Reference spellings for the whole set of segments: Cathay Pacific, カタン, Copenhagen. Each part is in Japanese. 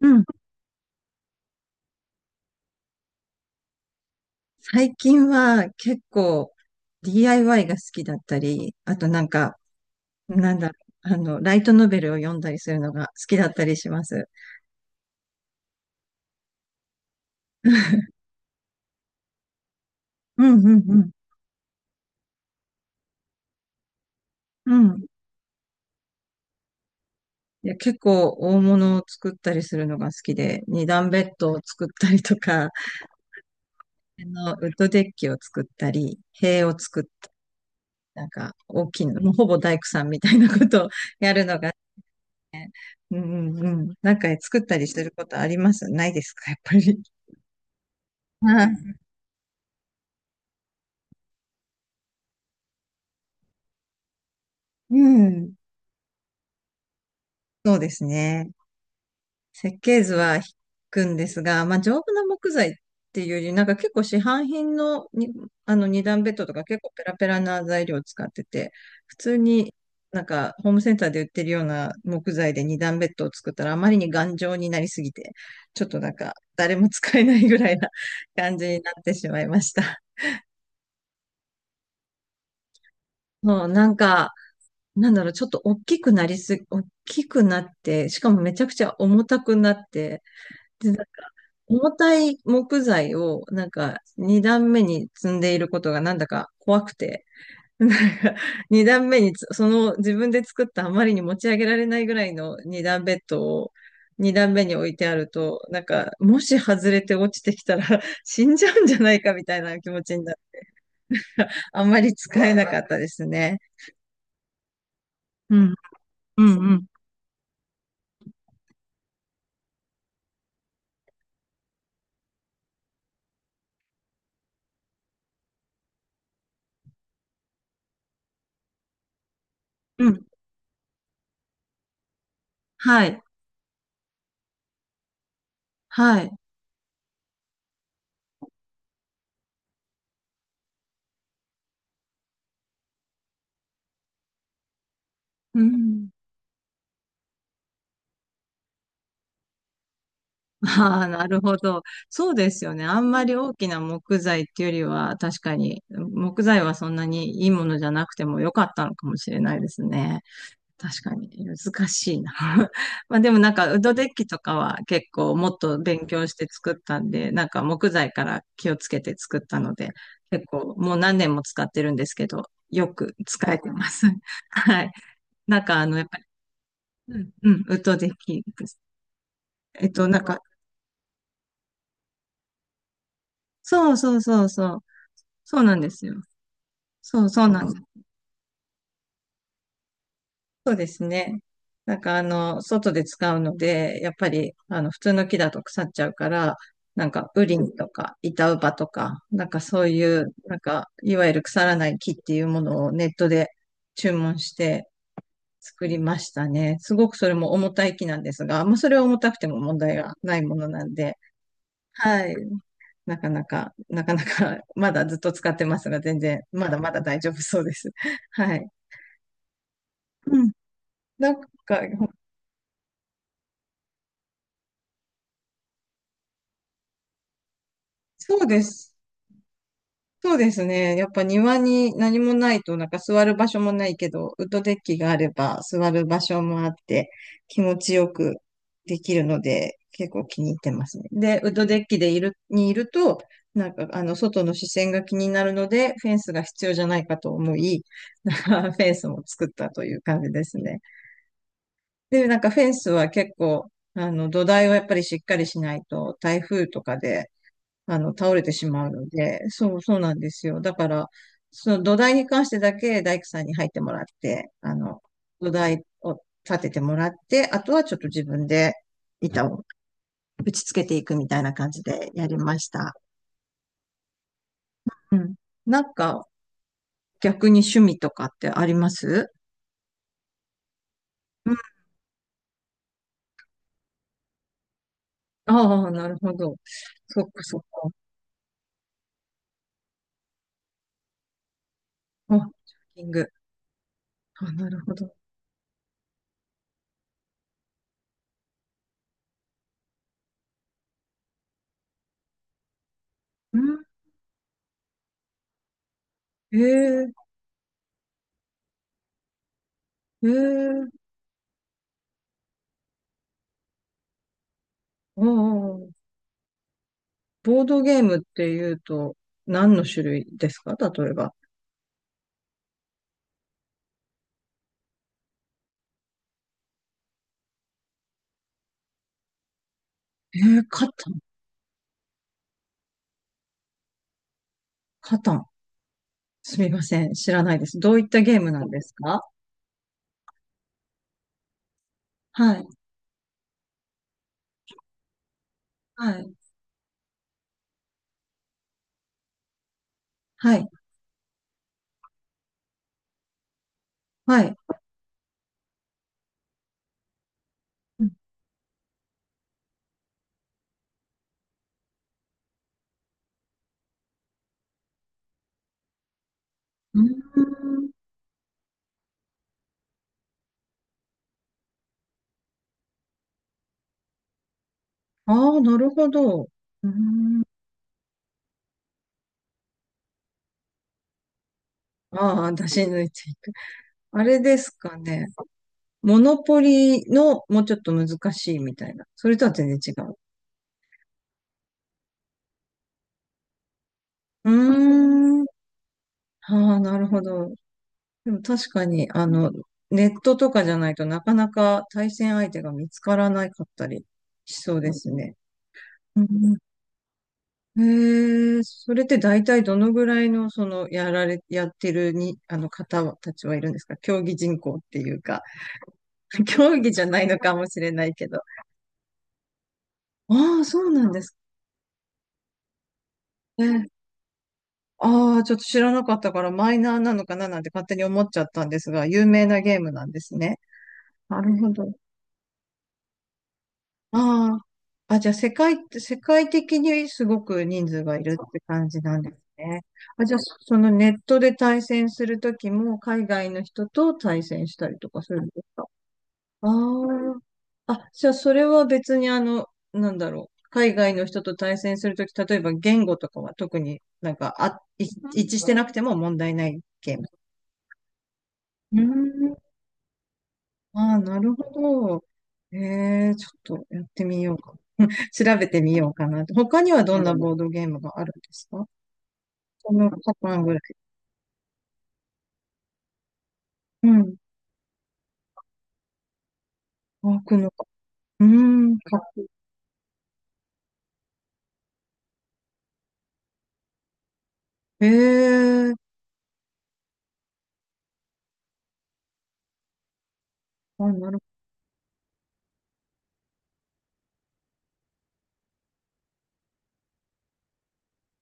うん。最近は結構 DIY が好きだったり、あとなんだろライトノベルを読んだりするのが好きだったりします。うんうんうん。うん。いや、結構大物を作ったりするのが好きで、二段ベッドを作ったりとか、ウッドデッキを作ったり、塀を作ったり、なんか大きいの、もうほぼ大工さんみたいなことを やるのが、うんうんうん。なんか作ったりすることありますないですか、やっぱり。はい。うん。そうですね。設計図は引くんですが、まあ、丈夫な木材っていうより、なんか結構市販品のに、あの二段ベッドとか結構ペラペラな材料を使ってて、普通になんかホームセンターで売ってるような木材で二段ベッドを作ったらあまりに頑丈になりすぎて、ちょっとなんか誰も使えないぐらいな 感じになってしまいました。もうなんか、なんだろう、ちょっと大きくなりすぎ、大きくなって、しかもめちゃくちゃ重たくなって、重たい木材をなんか二段目に積んでいることがなんだか怖くて、なんか二段目につその自分で作ったあまりに持ち上げられないぐらいの二段ベッドを二段目に置いてあると、なんかもし外れて落ちてきたら 死んじゃうんじゃないかみたいな気持ちになる。あんまり使えなかったですね。うん、うん、うん、うん。はい、はい。うん、ああ、なるほど。そうですよね。あんまり大きな木材っていうよりは、確かに、木材はそんなにいいものじゃなくても良かったのかもしれないですね。確かに、難しいな。まあでもなんか、ウッドデッキとかは結構もっと勉強して作ったんで、なんか木材から気をつけて作ったので、結構もう何年も使ってるんですけど、よく使えてます。はい。やっぱり、うん、うん、ウッドデッキです。えっと、なんか、そうそうそうそう。そうなんですよ。そうそうなんです。そうですね。外で使うので、やっぱり普通の木だと腐っちゃうから、なんかウリンとか板ウバとか、なんかそういう、なんかいわゆる腐らない木っていうものをネットで注文して作りましたね。すごくそれも重たい木なんですが、まあそれは重たくても問題がないものなんで、はい。なかなか、なかなか、まだずっと使ってますが、全然、まだまだ大丈夫そうです。はい。うん、なんか、そうです。そうですね。やっぱ庭に何もないと、なんか座る場所もないけど、ウッドデッキがあれば座る場所もあって、気持ちよくできるので、結構気に入ってますね。で、ウッドデッキでいる、にいると、なんか、あの、外の視線が気になるので、フェンスが必要じゃないかと思い、なんかフェンスも作ったという感じですね。で、なんかフェンスは結構、あの、土台をやっぱりしっかりしないと、台風とかで、あの、倒れてしまうので、そう、そうなんですよ。だから、その土台に関してだけ大工さんに入ってもらって、あの、土台を立ててもらって、あとはちょっと自分で板を打ち付けていくみたいな感じでやりました。うん。なんか、逆に趣味とかってあります？うん。ああ、なるほど。そっかそっか。あ、ジョギング。あ、なるほど。うん。ええ、ええ、ああ、ボードゲームっていうと、何の種類ですか例えば。えー、カタン、カタン。すみません。知らないです。どういったゲームなんですか？はい、はい、はい、はい。うん。ああー、なるほど。うん。ああ、出し抜いていく。あれですかね。モノポリのもうちょっと難しいみたいな。それとは全然違う。うーん。ああ、なるほど。でも確かに、あの、ネットとかじゃないとなかなか対戦相手が見つからなかったりしそうですね。うん、へえ、それって大体どのぐらいの、その、やられ、やってるに、あの方たちはいるんですか？競技人口っていうか、競技じゃないのかもしれないけど。ああ、そうなんですね。ああ、ちょっと知らなかったからマイナーなのかななんて勝手に思っちゃったんですが、有名なゲームなんですね。なるほど。ああ。あ、じゃあ世界的にすごく人数がいるって感じなんですね。あ、じゃあそそのネットで対戦するときも海外の人と対戦したりとかするんですか？ああ。あ、じゃあそれは別にあの、なんだろう。海外の人と対戦するとき、例えば言語とかは特になんか、あ、い一致してなくても問題ないゲーム。うーん。ああ、なるほど。ええ、ちょっとやってみようかな。調べてみようかなと。他にはどんなボードゲームがあるんですかこのパターンぐらい。うん。あ、くのか。うーん。か、へえ。あ、なる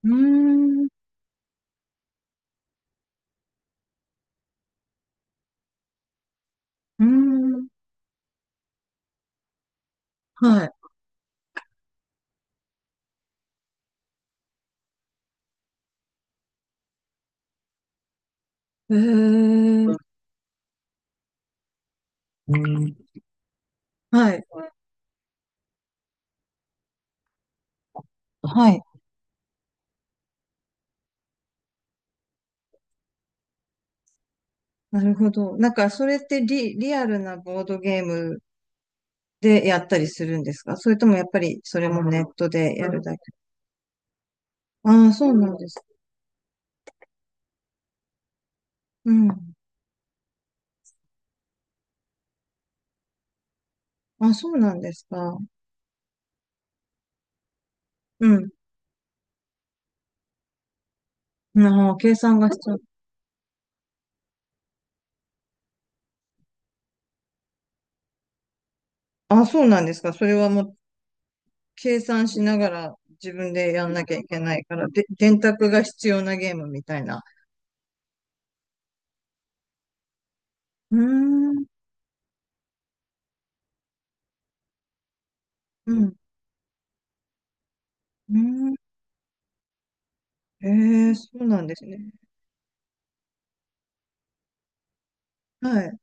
ほど。うーん。うーん。はい。へえ。はい。はい。なるほど。なんか、それってリアルなボードゲームでやったりするんですか？それともやっぱりそれもネットでやるだけ？ああ、そうなんです。うん。あ、そうなんですか。うん。ああ、計算が必要。あ、そうなんですか。それは計算しながら自分でやんなきゃいけないから、で、電卓が必要なゲームみたいな。うーん、うん、うーん。えー、そうなんですね。はい。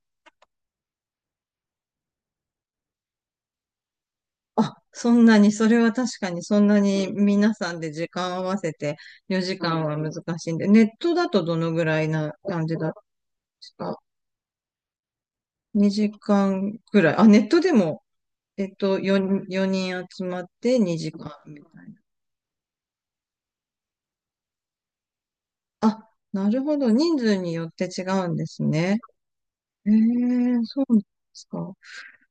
あ、そんなに、それは確かにそんなに皆さんで時間合わせて4時間は難しいんで、ネットだとどのぐらいな感じだったんですか？ 2 時間ぐらい。あ、ネットでも、えっと、4、4人集まって2時間みたいな。あ、なるほど。人数によって違うんですね。ええ、そうなんですか。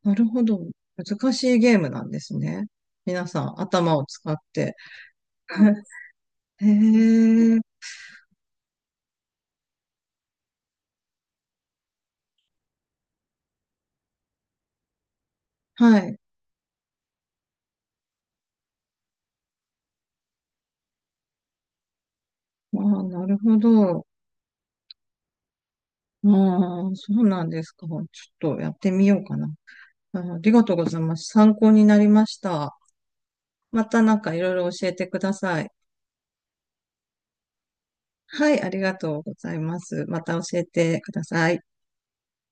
なるほど。難しいゲームなんですね。皆さん、頭を使って。ええ、はい。ああ、なるほど。ああ、そうなんですか。ちょっとやってみようかな。ああ、ありがとうございます。参考になりました。またなんかいろいろ教えてください。はい、ありがとうございます。また教えてください。